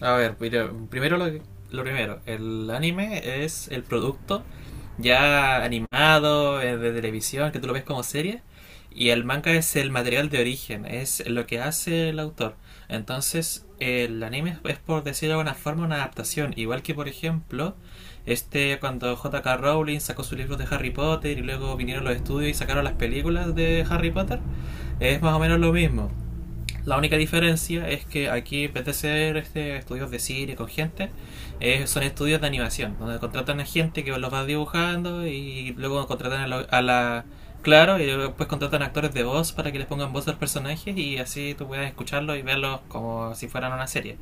A ver, primero lo primero, el anime es el producto ya animado, de televisión, que tú lo ves como serie, y el manga es el material de origen, es lo que hace el autor. Entonces, el anime es, por decirlo de alguna forma, una adaptación, igual que por ejemplo, este cuando J.K. Rowling sacó sus libros de Harry Potter y luego vinieron los estudios y sacaron las películas de Harry Potter, es más o menos lo mismo. La única diferencia es que aquí, en vez de ser este, estudios de cine con gente, son estudios de animación, donde contratan a gente que los va dibujando y luego contratan a la. Claro, y después contratan actores de voz para que les pongan voz a los personajes y así tú puedas escucharlos y verlos como si fueran una serie.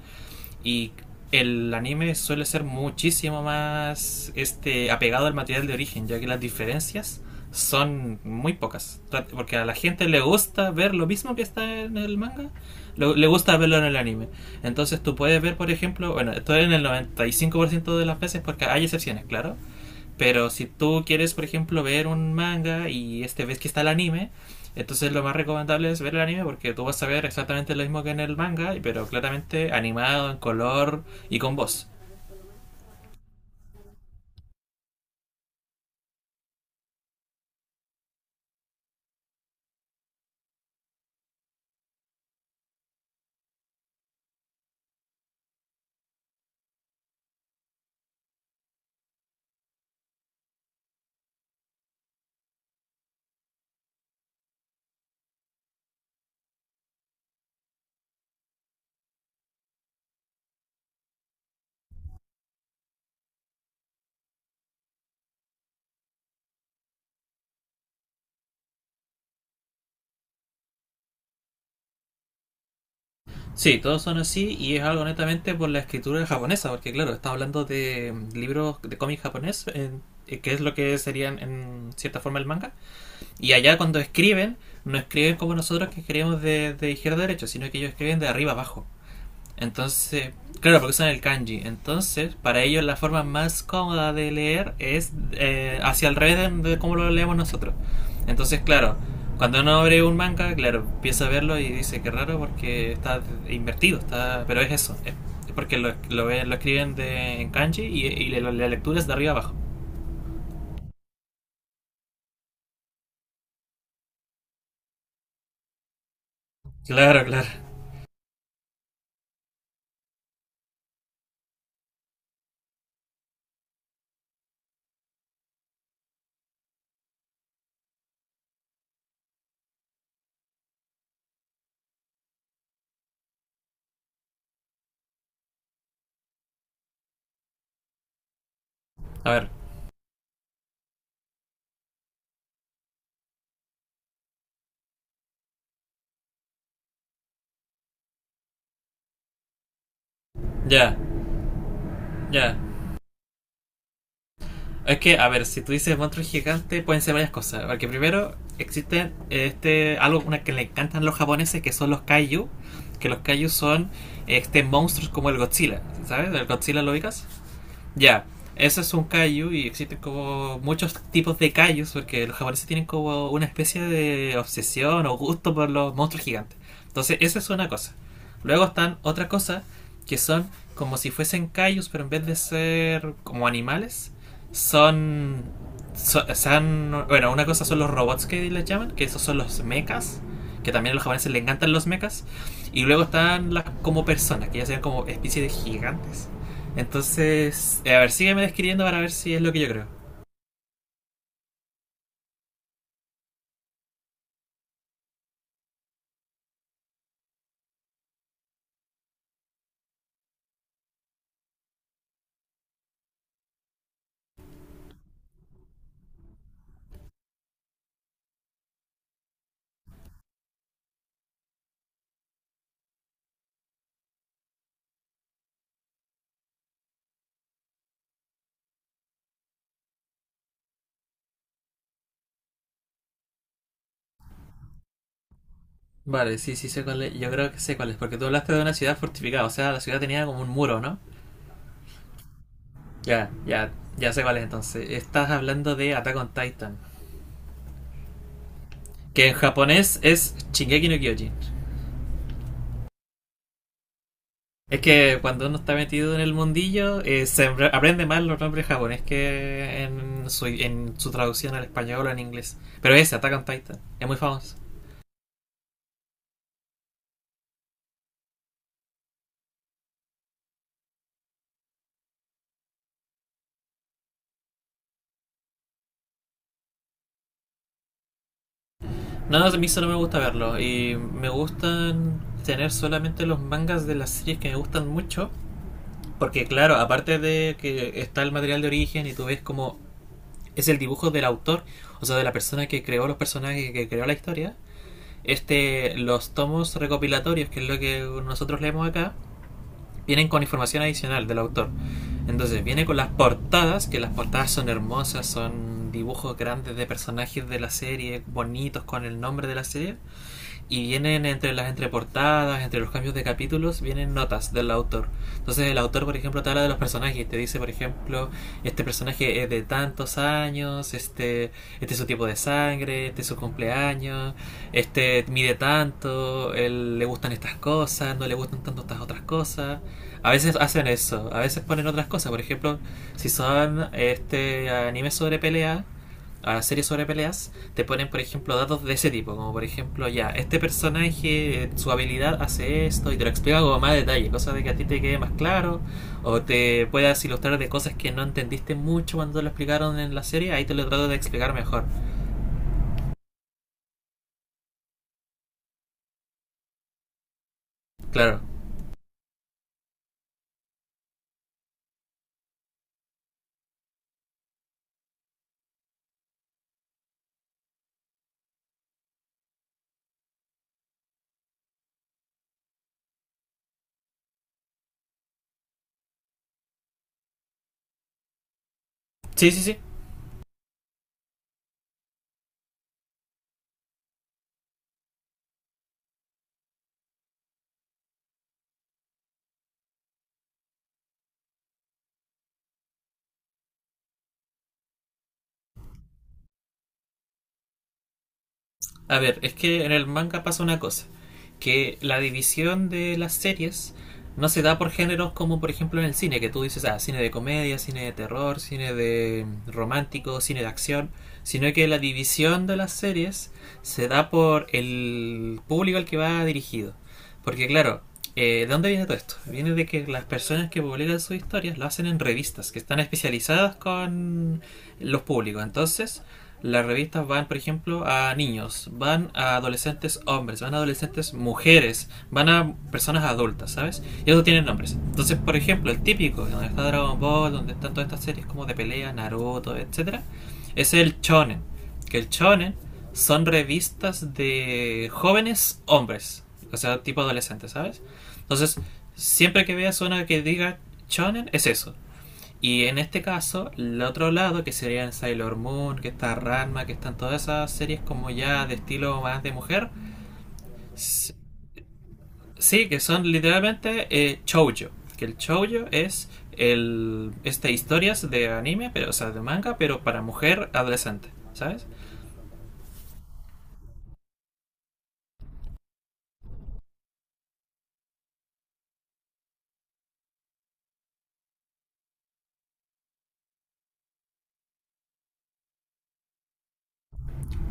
Y el anime suele ser muchísimo más este apegado al material de origen, ya que las diferencias son muy pocas. Porque a la gente le gusta ver lo mismo que está en el manga, le gusta verlo en el anime. Entonces tú puedes ver, por ejemplo, bueno, esto es en el 95% de las veces porque hay excepciones, claro. Pero si tú quieres, por ejemplo, ver un manga y este ves que está el anime, entonces lo más recomendable es ver el anime porque tú vas a ver exactamente lo mismo que en el manga, pero claramente animado, en color y con voz. Sí, todos son así y es algo netamente por la escritura japonesa, porque claro, está hablando de libros de cómic japonés, que es lo que serían en cierta forma el manga. Y allá cuando escriben, no escriben como nosotros que escribimos de izquierda a derecha, sino que ellos escriben de arriba a abajo. Entonces, claro, porque son el kanji. Entonces, para ellos la forma más cómoda de leer es hacia el revés de cómo lo leemos nosotros. Entonces, claro, cuando uno abre un manga, claro, empieza a verlo y dice que raro porque está invertido, está, pero es eso, es porque lo escriben en kanji y la lectura es de arriba abajo. Claro, claro. A ver, ya, ya. Es que, a ver, si tú dices monstruo gigante, pueden ser varias cosas. Porque primero, existe este algo una que le encantan los japoneses, que son los kaiju. Que los kaiju son este monstruos como el Godzilla, ¿sabes? ¿El Godzilla lo ubicas? Ya, eso es un kaiju y existen como muchos tipos de kaijus porque los japoneses tienen como una especie de obsesión o gusto por los monstruos gigantes. Entonces, esa es una cosa. Luego están otra cosa que son como si fuesen kaijus, pero en vez de ser como animales, son, bueno, una cosa son los robots que les llaman, que esos son los mechas, que también a los japoneses les encantan los mechas, y luego están las como personas, que ya sean como especies de gigantes. Entonces, a ver, sígueme describiendo para ver si es lo que yo creo. Vale, sí, sí, sé cuál es. Yo creo que sé cuál es, porque tú hablaste de una ciudad fortificada, o sea, la ciudad tenía como un muro, ¿no? Ya, ya, ya sé cuál es entonces. Estás hablando de Attack on Titan, que en japonés es Shingeki no Kyojin. Es que cuando uno está metido en el mundillo, se aprende más los nombres japoneses que en su, traducción al español o en inglés. Pero ese, Attack on Titan, es muy famoso. No, a mí solo me gusta verlo. Y me gustan tener solamente los mangas de las series que me gustan mucho. Porque claro, aparte de que está el material de origen y tú ves como es el dibujo del autor, o sea, de la persona que creó los personajes, que creó la historia, este, los tomos recopilatorios, que es lo que nosotros leemos acá, vienen con información adicional del autor. Entonces viene con las portadas, que las portadas son hermosas, son dibujos grandes de personajes de la serie, bonitos con el nombre de la serie y vienen entre las entreportadas, entre los cambios de capítulos, vienen notas del autor. Entonces el autor, por ejemplo, te habla de los personajes te dice, por ejemplo, este personaje es de tantos años, este es su tipo de sangre, este es su cumpleaños, este mide tanto, él, le gustan estas cosas, no le gustan tanto estas otras cosas. A veces hacen eso, a veces ponen otras cosas, por ejemplo, si son este anime sobre pelea, a las series sobre peleas, te ponen, por ejemplo, datos de ese tipo, como por ejemplo, ya, este personaje, su habilidad hace esto, y te lo explica con más detalle, cosas de que a ti te quede más claro, o te puedas ilustrar de cosas que no entendiste mucho cuando lo explicaron en la serie, ahí te lo trato de explicar mejor. Claro. Sí, sí, sí. A ver, es que en el manga pasa una cosa, que la división de las series no se da por géneros como por ejemplo en el cine, que tú dices, ah, cine de comedia, cine de terror, cine de romántico, cine de acción, sino que la división de las series se da por el público al que va dirigido. Porque claro, ¿de dónde viene todo esto? Viene de que las personas que publican sus historias lo hacen en revistas, que están especializadas con los públicos. Entonces, las revistas van, por ejemplo, a niños, van a adolescentes hombres, van a adolescentes mujeres, van a personas adultas, ¿sabes? Y eso tienen nombres. Entonces, por ejemplo, el típico, donde está Dragon Ball, donde están todas estas series como de pelea, Naruto, etcétera, es el shonen. Que el shonen son revistas de jóvenes hombres, o sea, tipo adolescentes, ¿sabes? Entonces, siempre que veas una que diga shonen, es eso. Y en este caso, el otro lado, que serían Sailor Moon, que está Ranma, que están todas esas series como ya de estilo más de mujer, sí, que son literalmente shoujo. Que el shoujo es el este historias de anime, pero o sea, de manga, pero para mujer adolescente, ¿sabes?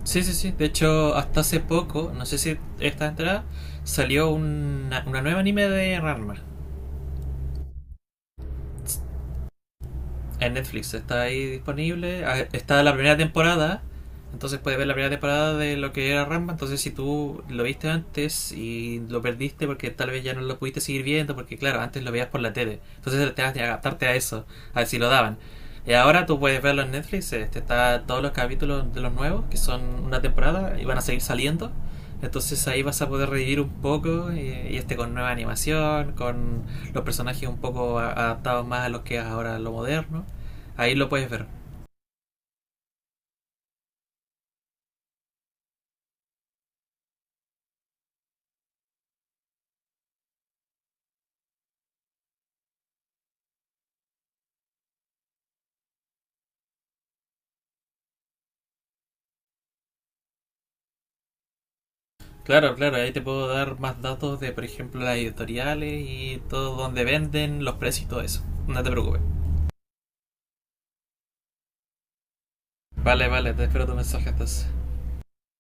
Sí, sí, sí. De hecho, hasta hace poco, no sé si estás enterada, salió una nueva anime de Ranma. En Netflix está ahí disponible. Ah, está la primera temporada. Entonces puedes ver la primera temporada de lo que era Rambo. Entonces si tú lo viste antes y lo perdiste porque tal vez ya no lo pudiste seguir viendo. Porque claro, antes lo veías por la tele. Entonces te vas a adaptarte a eso. A ver si lo daban. Y ahora tú puedes verlo en Netflix. Este, está todos los capítulos de los nuevos. Que son una temporada. Y van a seguir saliendo. Entonces ahí vas a poder revivir un poco y este con nueva animación, con los personajes un poco adaptados más a lo que es ahora lo moderno. Ahí lo puedes ver. Claro, claro, ahí te puedo dar más datos de, por ejemplo, las editoriales y todo donde venden, los precios y todo eso. No te preocupes. Vale, vale, te espero tu mensaje entonces.